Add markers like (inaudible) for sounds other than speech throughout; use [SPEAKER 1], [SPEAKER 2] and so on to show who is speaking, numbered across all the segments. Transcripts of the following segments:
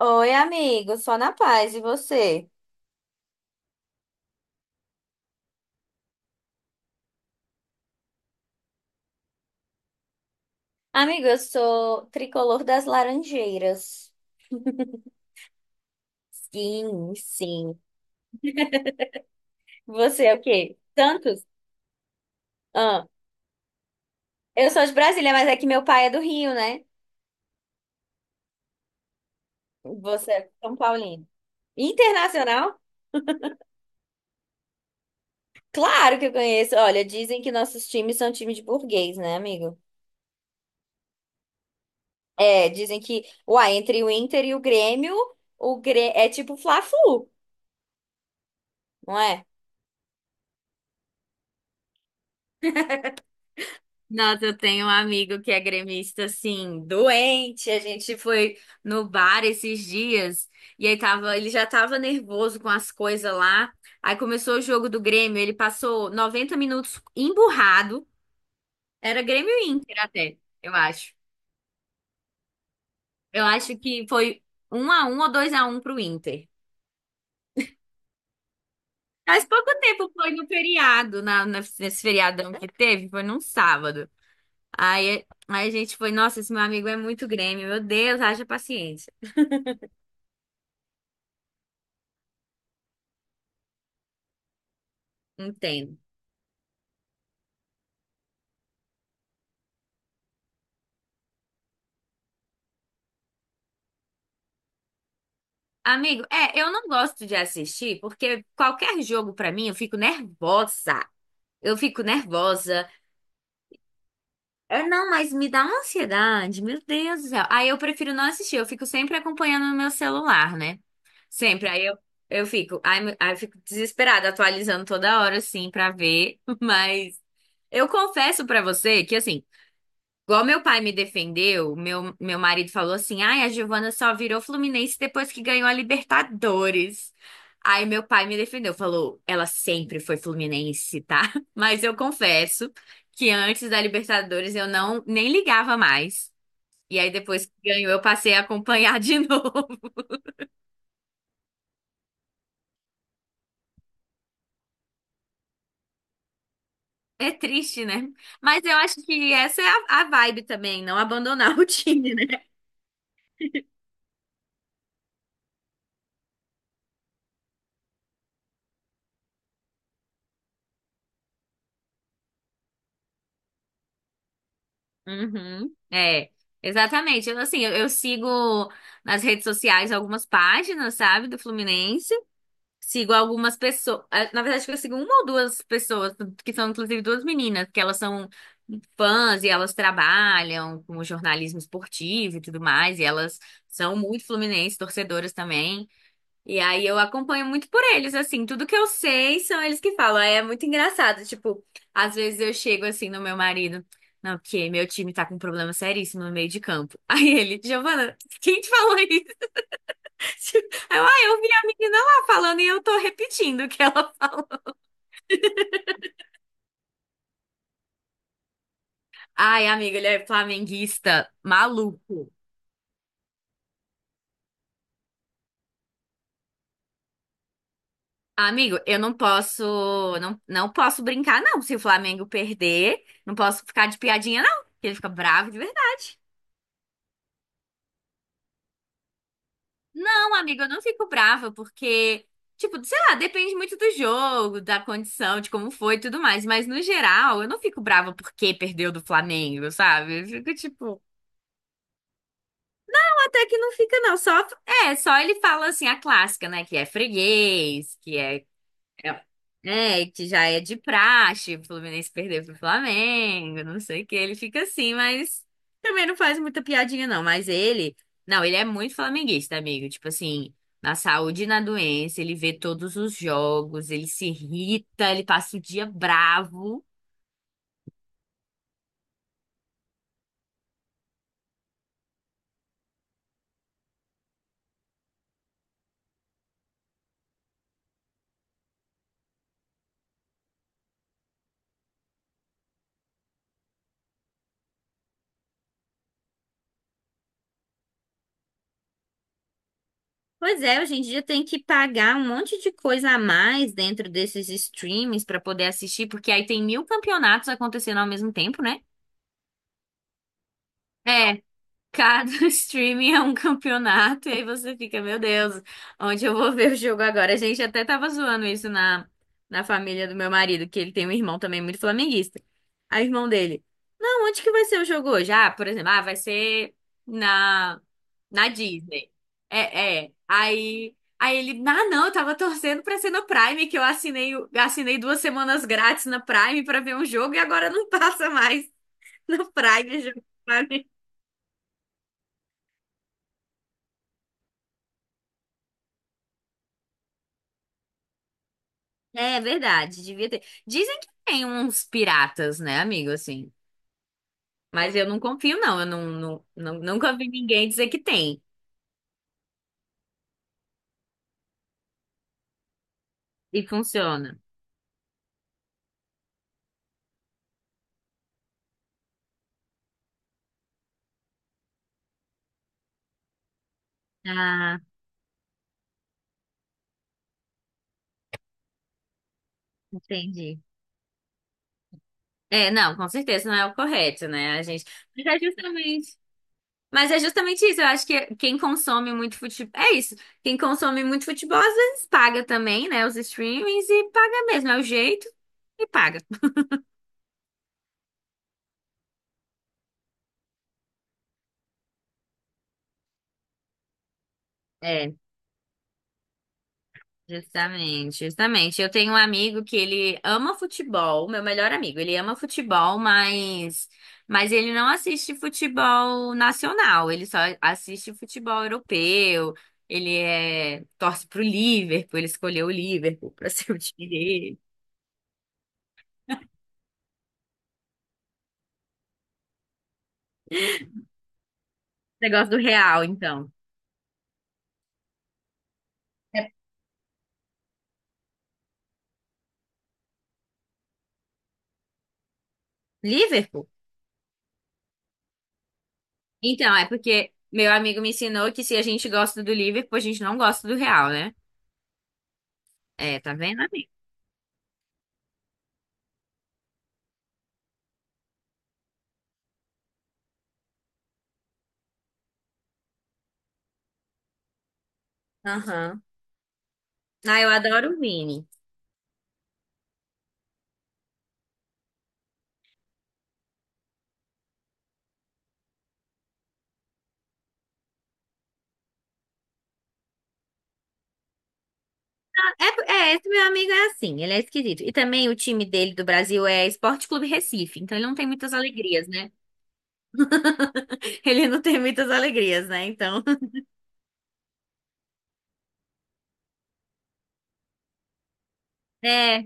[SPEAKER 1] Oi, amigo, só na paz, e você? Amigo, eu sou tricolor das Laranjeiras. Sim, sim. Você é o quê? Santos? Ah, eu sou de Brasília, mas é que meu pai é do Rio, né? Você é São Paulino. Internacional? Claro que eu conheço. Olha, dizem que nossos times são times de burguês, né, amigo? É, dizem que, uai, entre o Inter e o Grêmio, é tipo Fla-Flu, não é? Nossa, eu tenho um amigo que é gremista, assim, doente. A gente foi no bar esses dias e aí ele já tava nervoso com as coisas lá. Aí começou o jogo do Grêmio, ele passou 90 minutos emburrado. Era Grêmio e Inter até, eu acho. Eu acho que foi 1-1 ou 2-1 pro Inter. Faz pouco tempo foi no feriado, nesse feriadão que teve, foi num sábado. Aí a gente foi, nossa, esse meu amigo é muito Grêmio, meu Deus, haja paciência. Entendo. Amigo, é, eu não gosto de assistir porque qualquer jogo pra mim eu fico nervosa. Eu fico nervosa. É, não, mas me dá uma ansiedade, meu Deus do céu. Aí eu prefiro não assistir, eu fico sempre acompanhando no meu celular, né? Sempre. Aí eu fico desesperada, atualizando toda hora, assim, pra ver. (laughs) Mas eu confesso pra você que, assim. Igual meu pai me defendeu, meu marido falou assim: ai, a Giovana só virou Fluminense depois que ganhou a Libertadores. Aí meu pai me defendeu, falou: ela sempre foi Fluminense, tá? (laughs) Mas eu confesso que antes da Libertadores eu não nem ligava mais. E aí depois que ganhou eu passei a acompanhar de (laughs) novo. É triste, né? Mas eu acho que essa é a vibe também, não abandonar o time. Uhum, é, exatamente. Eu, assim, eu sigo nas redes sociais algumas páginas, sabe, do Fluminense. Sigo algumas pessoas. Na verdade, acho que eu sigo uma ou duas pessoas, que são inclusive duas meninas, que elas são fãs e elas trabalham com jornalismo esportivo e tudo mais. E elas são muito fluminenses, torcedoras também. E aí eu acompanho muito por eles, assim, tudo que eu sei são eles que falam. Aí é muito engraçado, tipo, às vezes eu chego assim no meu marido, não, porque meu time tá com um problema seríssimo no meio de campo. (laughs) Aí ele, Giovana, quem te falou isso? (laughs) Aí eu vi a menina lá falando e eu tô repetindo o que ela (laughs) falou. Ai, amigo, ele é flamenguista maluco. Amigo, eu não posso, não, não posso brincar, não. Se o Flamengo perder, não posso ficar de piadinha, não. Porque ele fica bravo de verdade. Não, amiga, eu não fico brava, porque, tipo, sei lá, depende muito do jogo, da condição, de como foi e tudo mais. Mas, no geral, eu não fico brava porque perdeu do Flamengo, sabe? Eu fico, tipo, até que não fica, não. Só ele fala, assim, a clássica, né? Que é freguês, que é, que já é de praxe, o Fluminense perder pro Flamengo, não sei o que, ele fica assim, mas também não faz muita piadinha não, mas ele, não, ele é muito flamenguista, amigo, tipo assim, na saúde e na doença, ele vê todos os jogos, ele se irrita, ele passa o dia bravo. Pois é, hoje em dia tem que pagar um monte de coisa a mais dentro desses streams para poder assistir, porque aí tem mil campeonatos acontecendo ao mesmo tempo, né? É. Cada (laughs) streaming é um campeonato, e aí você fica, meu Deus, onde eu vou ver o jogo agora? A gente até tava zoando isso na família do meu marido, que ele tem um irmão também muito flamenguista. Aí o irmão dele, não, onde que vai ser o jogo hoje? Ah, por exemplo, vai ser na, na, Disney. É, é. Aí ele, ah, não, eu tava torcendo pra ser no Prime, que eu assinei, assinei 2 semanas grátis na Prime pra ver um jogo e agora não (laughs) passa mais no Prime o jogo. É verdade, devia ter. Dizem que tem uns piratas, né, amigo, assim. Mas eu não confio, não. Eu não, nunca vi ninguém dizer que tem e funciona. Ah, entendi. É, não, com certeza não é o correto, né, a gente. Mas é justamente. Mas é justamente isso. Eu acho que quem consome muito futebol. É isso. Quem consome muito futebol às vezes paga também, né? Os streamings e paga mesmo. É o jeito e paga. É. Justamente, justamente. Eu tenho um amigo que ele ama futebol, meu melhor amigo. Ele ama futebol, mas ele não assiste futebol nacional. Ele só assiste futebol europeu. Ele é, torce pro Liverpool. Ele escolheu o Liverpool pra (laughs) ser o time dele. Negócio do Real, então. É Liverpool? Então, é porque meu amigo me ensinou que se a gente gosta do Liverpool, a gente não gosta do Real, né? É, tá vendo, amigo? Aham. Ah, eu adoro o Vini. É, esse meu amigo é assim, ele é esquisito. E também o time dele do Brasil é Esporte Clube Recife, então ele não tem muitas alegrias, né? (laughs) Ele não tem muitas alegrias, né? Então, (laughs) é,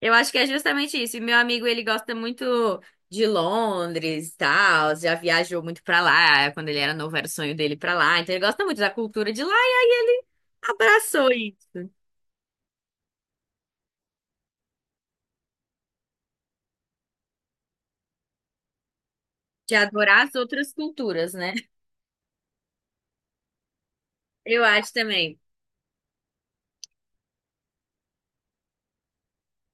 [SPEAKER 1] eu acho que é justamente isso. E meu amigo, ele gosta muito de Londres, e tal, já viajou muito pra lá, quando ele era novo era o sonho dele ir pra lá, então ele gosta muito da cultura de lá e aí ele abraçou isso, de adorar as outras culturas, né? (laughs) Eu acho também.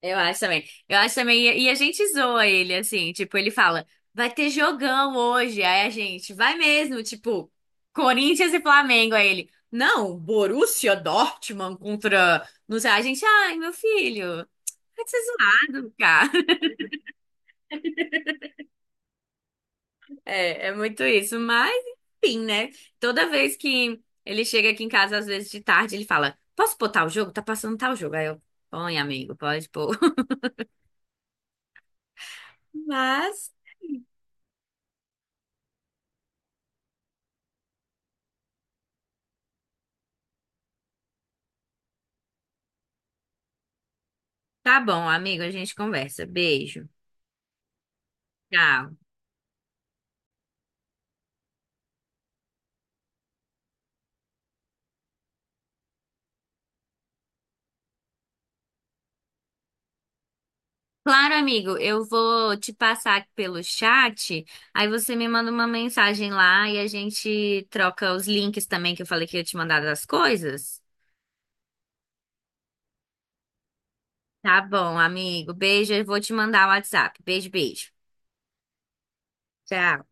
[SPEAKER 1] Eu acho também. Eu acho também. E a gente zoa ele, assim, tipo, ele fala, vai ter jogão hoje. Aí a gente, vai mesmo, tipo, Corinthians e Flamengo. Aí ele, não, Borussia Dortmund contra. Não sei, a gente, ai, meu filho, vai ser zoado, cara. (laughs) É, é muito isso. Mas, enfim, né? Toda vez que ele chega aqui em casa, às vezes de tarde, ele fala, posso pôr tal jogo? Tá passando tal jogo. Aí eu, põe, amigo, pode pôr. (laughs) Mas, tá bom, amigo, a gente conversa. Beijo. Tá. Claro, amigo, eu vou te passar pelo chat, aí você me manda uma mensagem lá e a gente troca os links também que eu falei que eu ia te mandar das coisas. Tá bom, amigo. Beijo, eu vou te mandar o WhatsApp. Beijo, beijo. Tchau.